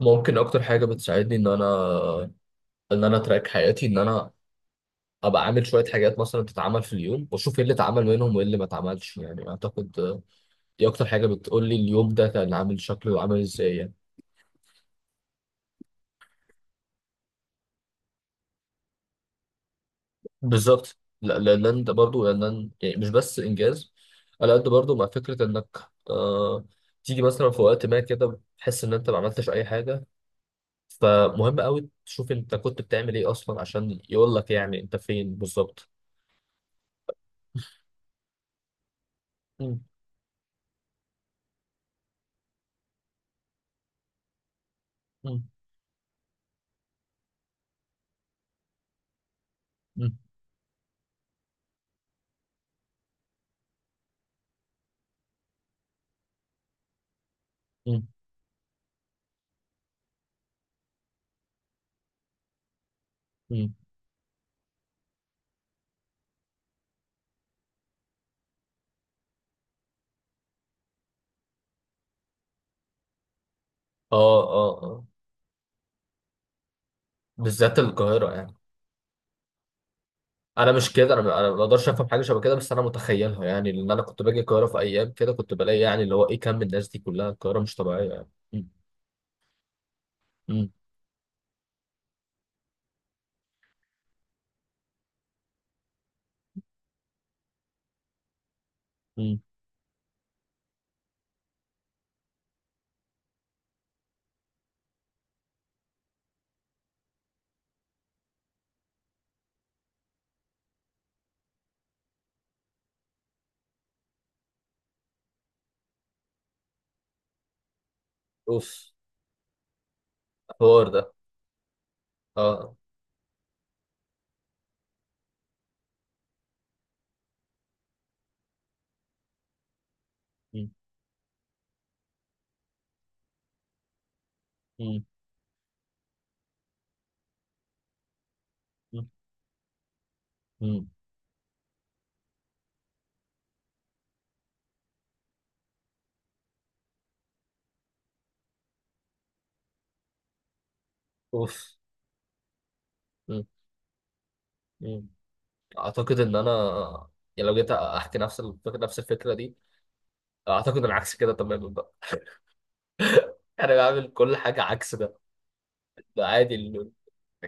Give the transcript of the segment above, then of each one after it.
ممكن اكتر حاجه بتساعدني ان انا اتراك حياتي ان انا ابقى عامل شويه حاجات مثلا تتعمل في اليوم واشوف ايه اللي اتعمل منهم وايه اللي ما اتعملش اعتقد دي اكتر حاجه بتقول لي اليوم ده كان عامل شكله عامل ازاي يعني. بالظبط، لان ده برضه لان يعني مش بس انجاز على قد برضه مع فكره انك آه تيجي مثلا في وقت ما كده تحس ان انت ما عملتش اي حاجه. فمهم قوي تشوف انت كنت بتعمل ايه اصلا عشان يقول لك يعني انت فين بالظبط. مم. مم. مم. مم. اه اه اه. بالذات القاهرة يعني. أنا مش كده، أنا ما أقدرش أفهم حاجة شبه كده، بس أنا متخيلها يعني، لأن أنا كنت باجي القاهرة في أيام كده كنت بلاقي يعني اللي هو إيه كم الناس دي كلها، القاهرة مش طبيعية يعني. مم. مم. مم. أوف الحوار ده. اه. مم. مم. مم. مم. أوف. مم. مم. أعتقد إن أنا يعني لو جيت أحكي نفس الفكرة دي، أعتقد العكس كده تماما بقى. أنا بعمل كل حاجة عكس ده. ده عادي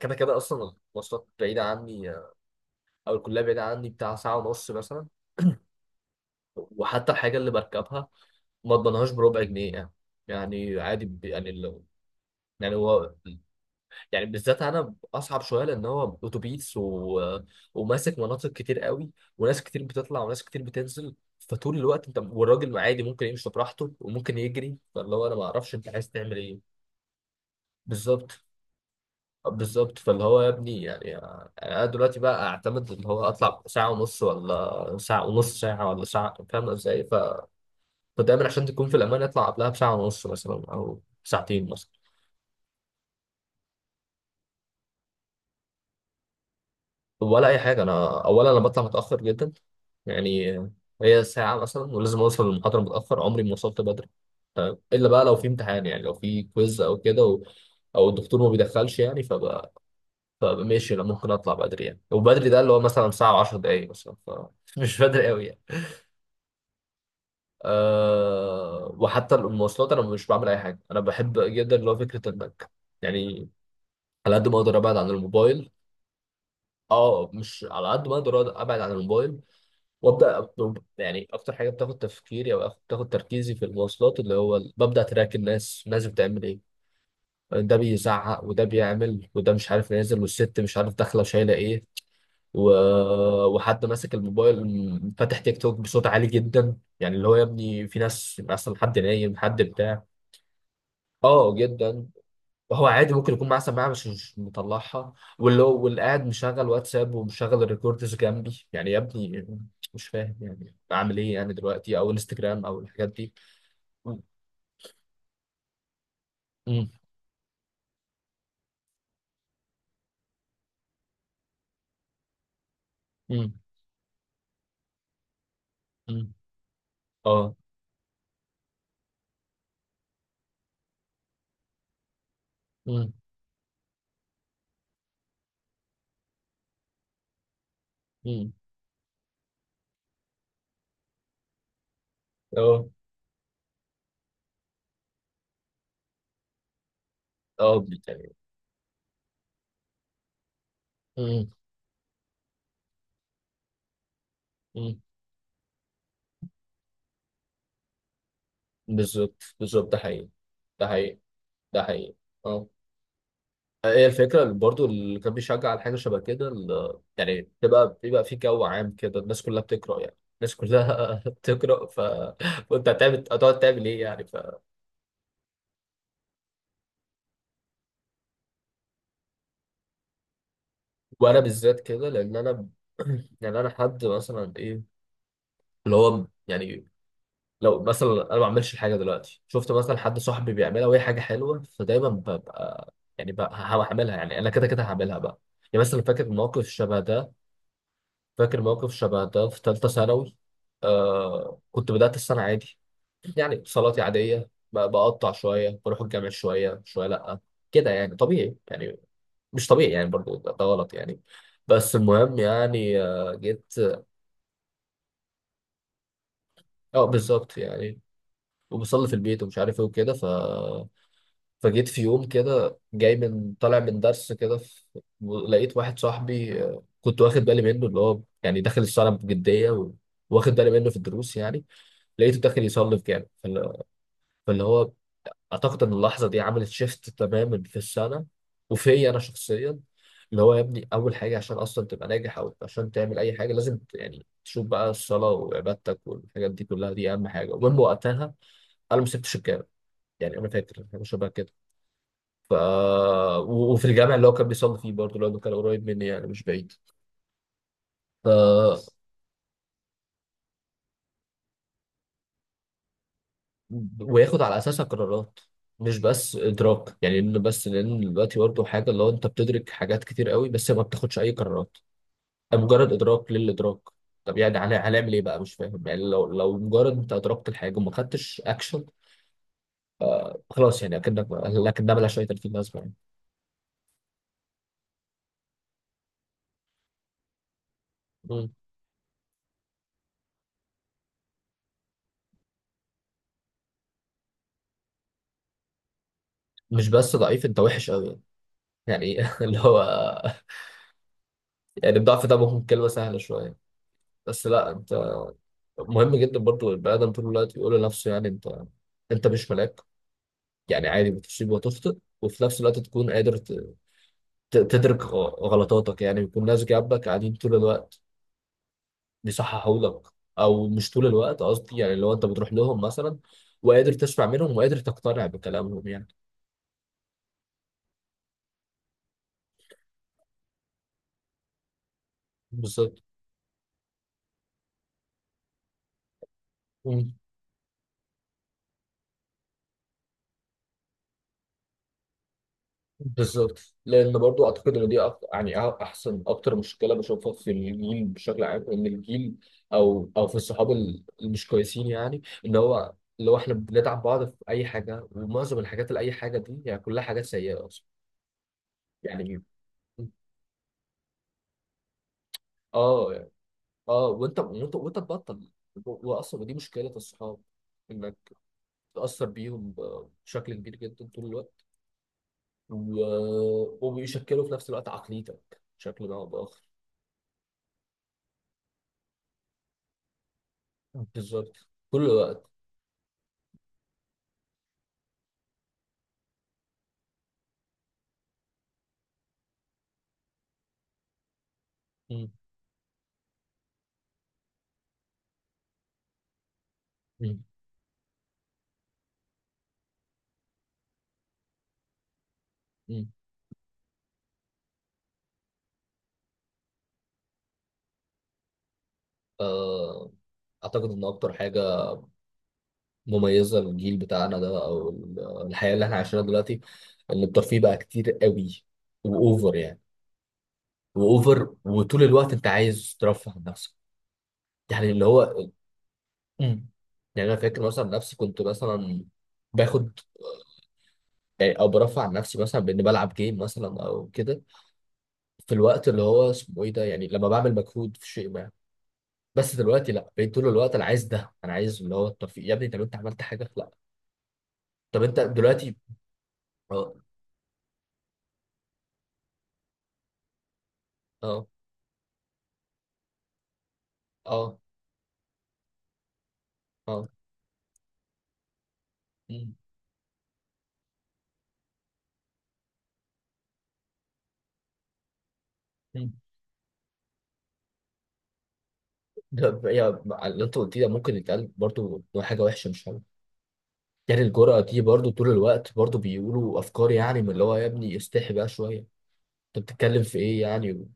كده كده أصلا المواصلات بعيدة عني، او الكليه بعيده عني بتاع ساعه ونص مثلا. وحتى الحاجه اللي بركبها ما اضمنهاش بربع جنيه يعني. يعني عادي ب- يعني لو يعني هو يعني بالذات انا اصعب شويه لان هو اتوبيس و... وماسك مناطق كتير قوي، وناس كتير بتطلع وناس كتير بتنزل، فطول الوقت انت والراجل عادي ممكن يمشي براحته وممكن يجري فاللي هو انا ما اعرفش انت عايز تعمل ايه. بالظبط بالظبط. فاللي هو يا ابني انا دلوقتي بقى اعتمد اللي هو اطلع ساعه ونص ولا ساعه ونص، ساعه ولا ساعه، فاهم ازاي. ودايما عشان تكون في الامان اطلع قبلها بساعه ونص مثلا او ساعتين مثلا. ولا اي حاجه، انا اولا انا بطلع متاخر جدا يعني، هي ساعه مثلا، ولازم اوصل للمحاضره متاخر، عمري ما وصلت بدري. تمام، الا بقى لو في امتحان يعني لو في كويز او كده، و... او الدكتور ما بيدخلش يعني، فبقى ماشي انا ممكن اطلع بدري يعني، وبدري ده اللي هو مثلا ساعه و10 دقائق مثلا، فمش بدري قوي يعني. أه... وحتى المواصلات انا مش بعمل اي حاجه. انا بحب جدا اللي هو فكره البنك يعني، على قد ما اقدر ابعد عن الموبايل. اه، مش على قد ما اقدر ابعد عن الموبايل، وابدا اكتر حاجه بتاخد تفكيري او بتاخد تركيزي في المواصلات اللي هو ببدا تراك الناس بتعمل ايه، ده بيزعق وده بيعمل وده مش عارف نازل، والست مش عارف داخله وشايله ايه و... وحد ماسك الموبايل فاتح تيك توك بصوت عالي جدا، يعني اللي هو يا ابني في ناس اصلا حد نايم حد بتاع. اه جدا. وهو عادي ممكن يكون معاه سماعه مش مطلعها، واللي قاعد مشغل واتساب ومشغل الريكوردز جنبي يعني يا ابني، مش فاهم يعني اعمل ايه يعني دلوقتي، او انستجرام او الحاجات دي. مم. مم. مم. مم. اه. مم. مم. اه اه يعني. مم. مم. بالظبط بالظبط ده حقيقي. ده حقيقي. ده حقيقي. اه. هي الفكرة اللي برضو اللي كان بيشجع على حاجة شبه كده بيبقى في جو عام كده الناس كلها بتقرأ، يعني الناس كلها بتقرأ ف... فأنت هتقعد تعمل إيه يعني ف... وأنا بالذات كده لأن أنا يعني أنا حد مثلا إيه اللي هو يعني لو مثلا أنا ما بعملش الحاجة دلوقتي، شفت مثلا حد صاحبي بيعملها وهي حاجة حلوة، فدايما ببقى يعني بقى هعملها، يعني أنا كده كده هعملها بقى. يعني مثلا فاكر موقف شبه ده، فاكر موقف شبه ده في ثالثة ثانوي. آه، كنت بدأت السنة عادي يعني، اتصالاتي عادية بقطع شوية، بروح الجامع شوية شوية، لأ كده يعني طبيعي يعني، مش طبيعي يعني برضو، ده غلط يعني. بس المهم يعني آه، جيت. اه بالظبط يعني. وبصلي في البيت ومش عارف ايه وكده ف فجيت في يوم كده جاي من طالع من درس كده لقيت واحد صاحبي آه، كنت واخد بالي منه اللي هو يعني داخل الصلاة بجدية و- واخد بالي منه في الدروس يعني. لقيته داخل يصلي في جامع، فاللي هو اعتقد ان اللحظه دي عملت شيفت تماما في السنه وفي انا شخصيا، اللي هو يا ابني اول حاجه عشان اصلا تبقى ناجح او عشان تعمل اي حاجه لازم تشوف بقى الصلاه وعبادتك والحاجات دي كلها، دي اهم حاجه، ومن وقتها انا ما سبتش الجامع يعني، انا فاكر حاجه شبه كده ف وفي الجامع اللي هو كان بيصلي فيه برضه لانه كان قريب مني يعني مش بعيد. ف وياخد على اساسها قرارات، مش بس ادراك يعني انه بس، لان دلوقتي برضه حاجه اللي هو انت بتدرك حاجات كتير قوي بس ما بتاخدش اي قرارات، مجرد ادراك للادراك. طب يعني هنعمل ايه بقى؟ مش فاهم يعني لو مجرد انت ادركت الحاجه وما خدتش اكشن، خلاص يعني اكنك، لكن ده ملهاش اي 30 لازمه يعني. مم. مش بس ضعيف، انت وحش قوي يعني، يعني اللي هو يعني الضعف ده ممكن كلمه سهله شويه، بس لا انت. مهم جدا برضو البني ادم طول الوقت يقول لنفسه يعني انت، انت مش ملاك، يعني عادي بتصيب وتخطئ، وفي نفس الوقت تكون قادر تدرك غلطاتك يعني، بيكون ناس جنبك قاعدين طول الوقت بيصححوا لك، او مش طول الوقت قصدي يعني لو انت بتروح لهم مثلا، وقادر تسمع منهم وقادر تقتنع بكلامهم يعني. بالظبط بالظبط. لان برضو اعتقد ان دي أكتر يعني احسن اكتر مشكله بشوفها في الجيل بشكل عام، ان الجيل او في الصحاب المش كويسين يعني ان هو اللي هو احنا بندعم بعض في اي حاجه، ومعظم الحاجات اللي اي حاجه دي يعني كلها حاجات سيئه اصلا يعني. اه يعني اه، وانت تبطل، واصلا دي مشكله الصحاب، انك تاثر بيهم بشكل كبير جدا طول الوقت، و... وبيشكلوا في نفس الوقت عقليتك بشكل ما او باخر. بالظبط كله. مم. مم. مم. آه، اعتقد ان اكتر حاجه مميزه للجيل بتاعنا ده او الحياه اللي احنا عايشينها دلوقتي، ان الترفيه بقى كتير قوي واوفر يعني، واوفر، وطول الوقت انت عايز ترفه عن نفسك يعني اللي هو. مم. يعني انا فاكر مثلا نفسي كنت مثلا باخد يعني او برفع عن نفسي مثلا باني بلعب جيم مثلا او كده، في الوقت اللي هو اسمه ايه ده يعني لما بعمل مجهود في شيء ما، بس دلوقتي لا، بقيت طول الوقت انا عايز ده، انا عايز اللي هو الترفيه يا ابني، طب انت عملت حاجه؟ لا. طب انت دلوقتي. اه اه اه اه. مم. مم. ده يا اللي انت قلتيه ده ممكن يتقال برضو إنه حاجه وحشه مش حلوه، يعني الجرأة دي برضو طول الوقت برضو بيقولوا افكار يعني من اللي هو يا ابني استحي بقى شويه، انت بتتكلم في ايه يعني،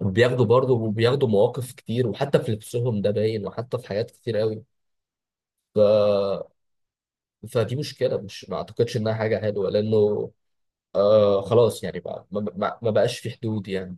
وبياخدوا برضو مواقف كتير، وحتى في لبسهم ده باين، وحتى في حاجات كتير قوي ف... فدي مشكله، مش ما اعتقدش انها حاجه حلوه لانه آه خلاص يعني بقى ما بقاش في حدود يعني